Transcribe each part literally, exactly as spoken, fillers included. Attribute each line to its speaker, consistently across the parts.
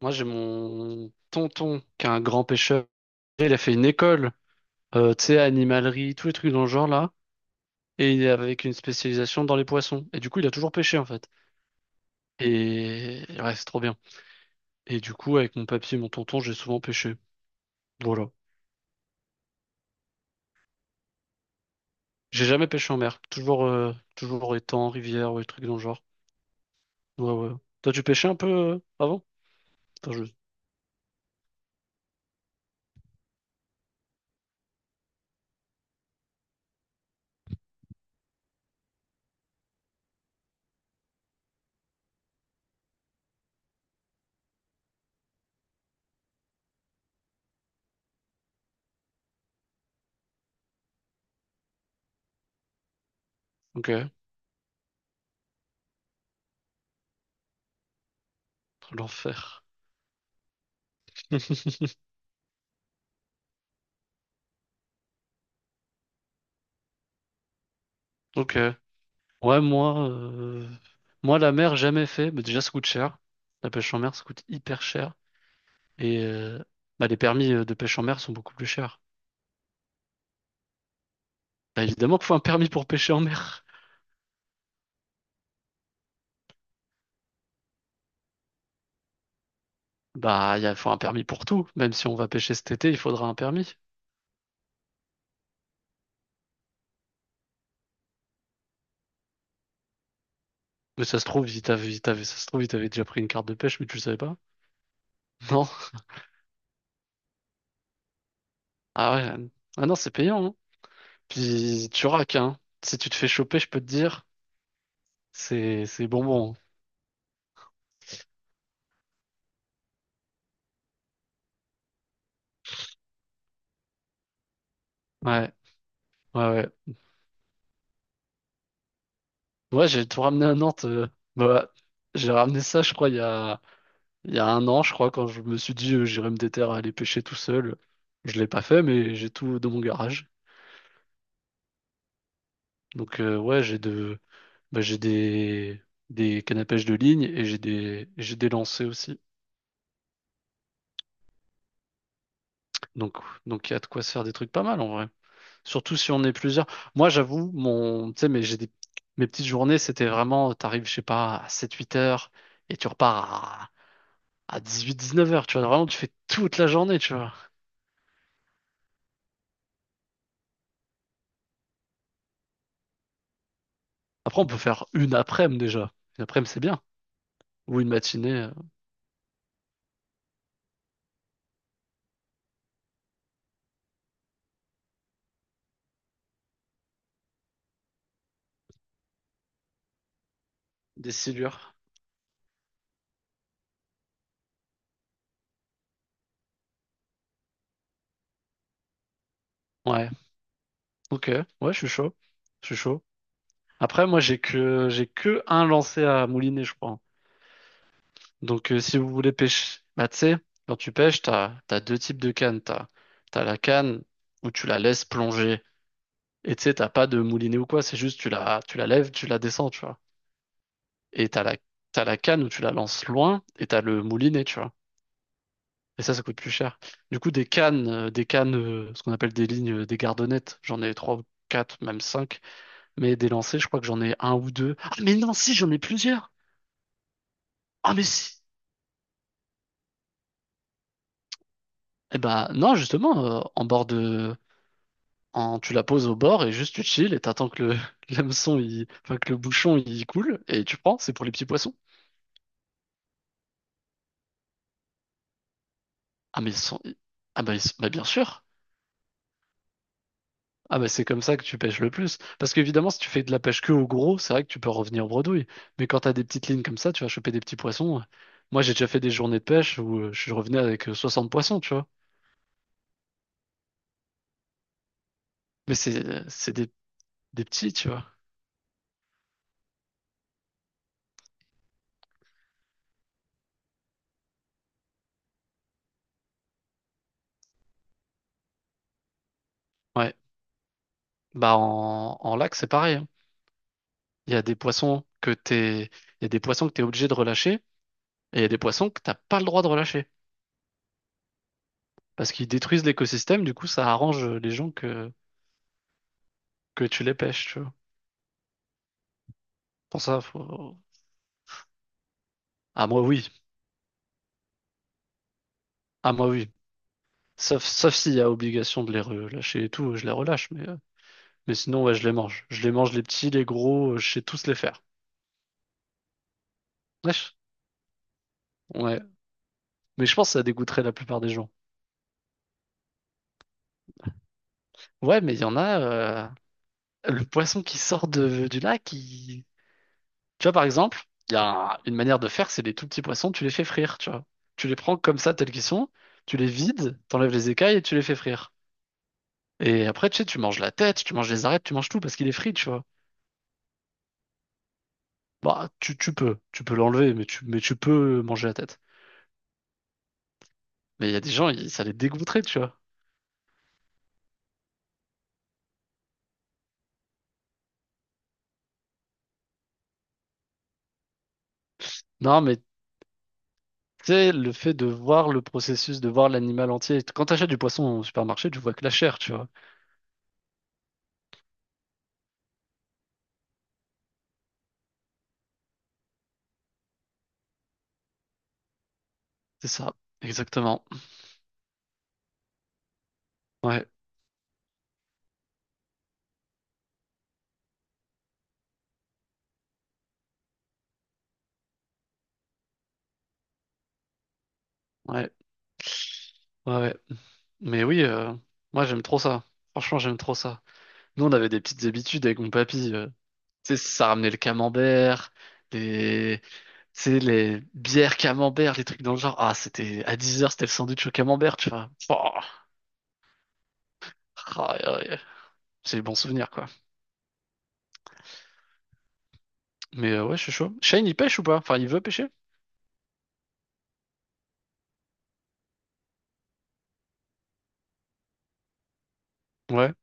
Speaker 1: Moi, j'ai mon tonton qui est un grand pêcheur. Il a fait une école, euh, tu sais, animalerie, tous les trucs dans le genre là. Et il est avec une spécialisation dans les poissons. Et du coup, il a toujours pêché en fait. Et ouais, c'est trop bien. Et du coup, avec mon papy et mon tonton, j'ai souvent pêché. Voilà. J'ai jamais pêché en mer. Toujours, euh, toujours étang, rivière ou des trucs dans le genre. Ouais, ouais. Toi, tu pêchais un peu euh, avant? Attends, je- Ok. L'enfer. Ok. Ouais, moi, euh, moi la mer, jamais fait. Mais déjà, ça coûte cher. La pêche en mer, ça coûte hyper cher. Et euh, bah, les permis euh, de pêche en mer sont beaucoup plus chers. Bah, évidemment qu'il faut un permis pour pêcher en mer. Bah, il faut un permis pour tout. Même si on va pêcher cet été, il faudra un permis. Mais ça se trouve, il t'avait, il t'avait- ça se trouve, il t'avait déjà pris une carte de pêche, mais tu le savais pas. Non. Ah ouais. Ah non, c'est payant, hein. Puis tu raques, hein. Si tu te fais choper, je peux te dire, c'est, c'est bonbon. Ouais. Ouais, ouais. Ouais, j'ai tout ramené à Nantes. euh, bah, j'ai ramené ça, je crois, il y a, il y a un an, je crois, quand je me suis dit euh, j'irais me déterrer à aller pêcher tout seul. Je l'ai pas fait, mais j'ai tout dans mon garage. Donc euh, ouais, j'ai de, bah, j'ai des, des cannes à pêche de ligne et j'ai des, j'ai des lancers aussi. Donc donc il y a de quoi se faire des trucs pas mal en vrai. Surtout si on est plusieurs. Moi, j'avoue, mon, tu sais, mais j'ai des, mes petites journées, c'était vraiment, euh, t'arrives, je sais pas, à sept huit heures et tu repars à dix-huit à dix-neuf heures, tu vois. Vraiment, tu fais toute la journée, tu vois. Après, on peut faire une après-midi déjà. Une après-midi, c'est bien. Ou une matinée, euh, des silures. Ouais, ok, ouais, je suis chaud. Je suis chaud. Après, moi, j'ai que, j'ai que un lancé à mouliner, je crois. Donc, euh, si vous voulez pêcher, bah, tu sais, quand tu pêches, t'as, t'as deux types de cannes. T'as, t'as la canne où tu la laisses plonger. Et tu sais, t'as pas de moulinet ou quoi, c'est juste tu la, tu la lèves, tu la descends, tu vois. Et t'as la, t'as la canne où tu la lances loin et t'as le moulinet, tu vois. Et ça, ça coûte plus cher. Du coup, des cannes, euh, des cannes, euh, ce qu'on appelle des lignes, euh, des gardonnettes, j'en ai trois ou quatre, même cinq. Mais des lancers, je crois que j'en ai un ou deux. Ah, mais non, si, j'en ai plusieurs. Ah, mais si. Eh ben, non, justement, euh, en bord de, en, tu la poses au bord et juste tu chill et t'attends que le, l'hameçon, il, enfin, que le bouchon, il coule et tu prends. C'est pour les petits poissons. Ah, mais ils sont, ah, bah, ils- bah, bien sûr. Ah bah c'est comme ça que tu pêches le plus. Parce qu'évidemment, si tu fais de la pêche que au gros, c'est vrai que tu peux revenir bredouille. Mais quand t'as des petites lignes comme ça, tu vas choper des petits poissons. Moi, j'ai déjà fait des journées de pêche où euh, je revenais avec euh, soixante poissons, tu vois. Mais c'est euh, c'est des, des petits, tu vois. Ouais. Bah en, en lac, c'est pareil, hein. Il y a des poissons que t'es, il y a des poissons que t'es obligé de relâcher et il y a des poissons que t'as pas le droit de relâcher. Parce qu'ils détruisent l'écosystème, du coup, ça arrange euh, les gens que, que tu les pêches, tu vois. Pour ça, faut. Ah moi oui. Ah moi oui. Sauf, sauf s'il y a obligation de les relâcher et tout, je les relâche, mais, euh, mais sinon, ouais, je les mange. Je les mange, les petits, les gros, euh, je sais tous les faire. Wesh. Ouais. Mais je pense que ça dégoûterait la plupart des gens. Ouais, mais il y en a, euh, le poisson qui sort de, du lac, il- tu vois, par exemple, il y a une manière de faire, c'est les tout petits poissons, tu les fais frire, tu vois. Tu les prends comme ça, tels qu'ils sont, tu les vides, t'enlèves les écailles et tu les fais frire. Et après, tu sais, tu manges la tête, tu manges les arêtes, tu manges tout parce qu'il est frit, tu vois. Bah, tu, tu peux, tu peux l'enlever, mais tu, mais tu peux manger la tête. Mais il y a des gens, ils- ça les dégoûterait, tu vois. Non, mais tu sais, le fait de voir le processus, de voir l'animal entier. Quand t'achètes du poisson au supermarché, tu vois que la chair, tu vois. C'est ça, exactement. Ouais, ouais, ouais, ouais. Mais oui, euh, moi j'aime trop ça. Franchement, j'aime trop ça. Nous, on avait des petites habitudes avec mon papy. euh. Tu sais, ça ramenait le camembert, les, tu sais, les bières camembert, les trucs dans le genre. Ah, c'était à dix heures, c'était le sandwich au camembert, tu vois. Oh, aïe, aïe. C'est les bons souvenirs, quoi. Mais euh, ouais, je suis chaud. Shane, il pêche ou pas? Enfin, il veut pêcher? Ouais.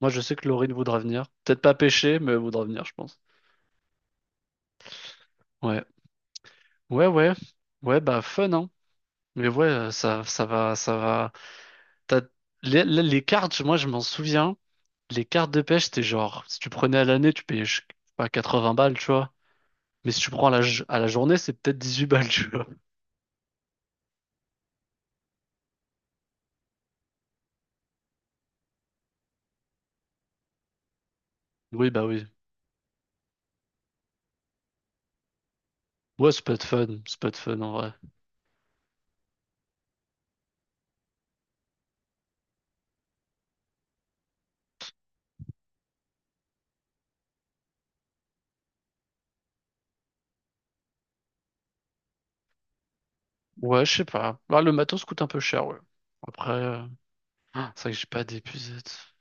Speaker 1: Moi, je sais que Laurine voudra venir. Peut-être pas pêcher, mais elle voudra venir, je pense. Ouais. Ouais, ouais. Ouais, bah, fun, hein. Mais ouais, euh, ça, ça va, ça va. T'as. Les, les- les cartes, moi, je m'en souviens. Les cartes de pêche, c'était genre, si tu prenais à l'année, tu payais, je sais pas, quatre-vingts balles, tu vois. Mais si tu prends à la, j- à la journée, c'est peut-être dix-huit balles, tu vois. Oui, bah oui. Ouais, ça peut être fun. Ça peut être fun, en vrai. Ouais, je sais pas. Ah, le matos coûte un peu cher, ouais. Après, euh, ah, c'est vrai que j'ai pas d'épuisette.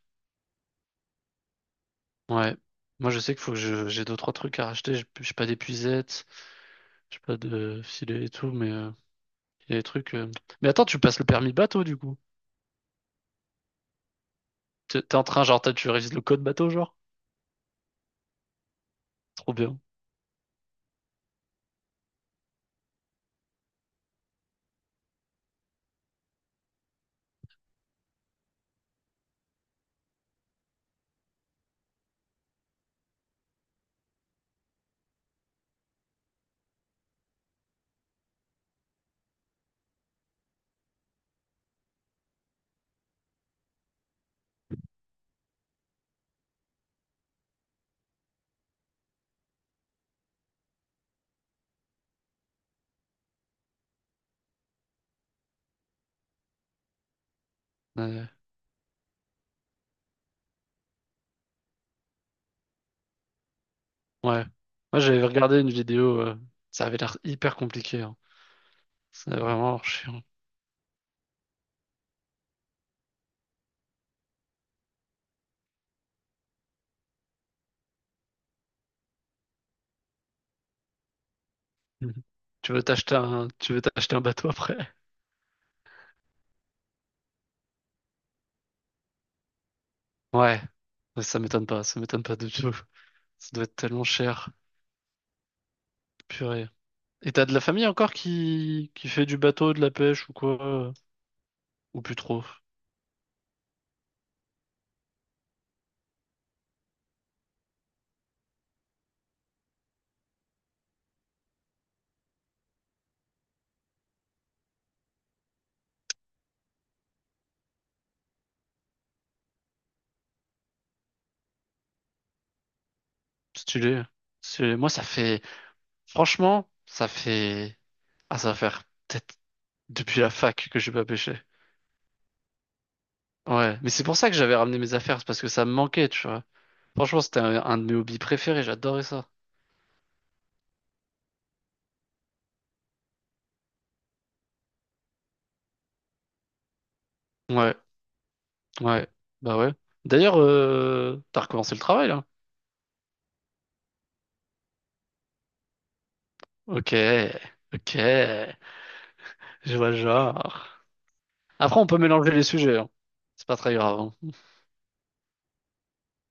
Speaker 1: Ouais. Moi, je sais qu'il faut que je, j'ai deux, trois trucs à racheter. J'ai j'ai pas d'épuisette, j'ai pas de filet et tout, mais euh, il y a des trucs. euh. Mais attends, tu passes le permis bateau du coup. T'es t'es en train, genre, t'as- tu révises le code bateau, genre? Trop bien. Ouais. Ouais. Moi, j'avais regardé une vidéo, euh, ça avait l'air hyper compliqué. Hein. C'est vraiment chiant. Mhm. Tu veux t'acheter un, tu veux t'acheter un bateau après? Ouais. Ouais, Ça m'étonne pas, ça m'étonne pas du tout. Ça doit être tellement cher. Purée. Et t'as de la famille encore qui, qui fait du bateau, de la pêche ou quoi? Ou plus trop. Stylé. C'est- Moi, ça fait. Franchement, ça fait. Ah, ça va faire peut-être depuis la fac que j'ai pas pêché. Ouais. Mais c'est pour ça que j'avais ramené mes affaires. C'est parce que ça me manquait, tu vois. Franchement, c'était un, un de mes hobbies préférés. J'adorais ça. Ouais. Ouais. Bah ouais. D'ailleurs, euh... t'as recommencé le travail, là? Ok. Ok. Je vois le genre. Après, on peut mélanger les sujets, hein. C'est pas très grave, hein.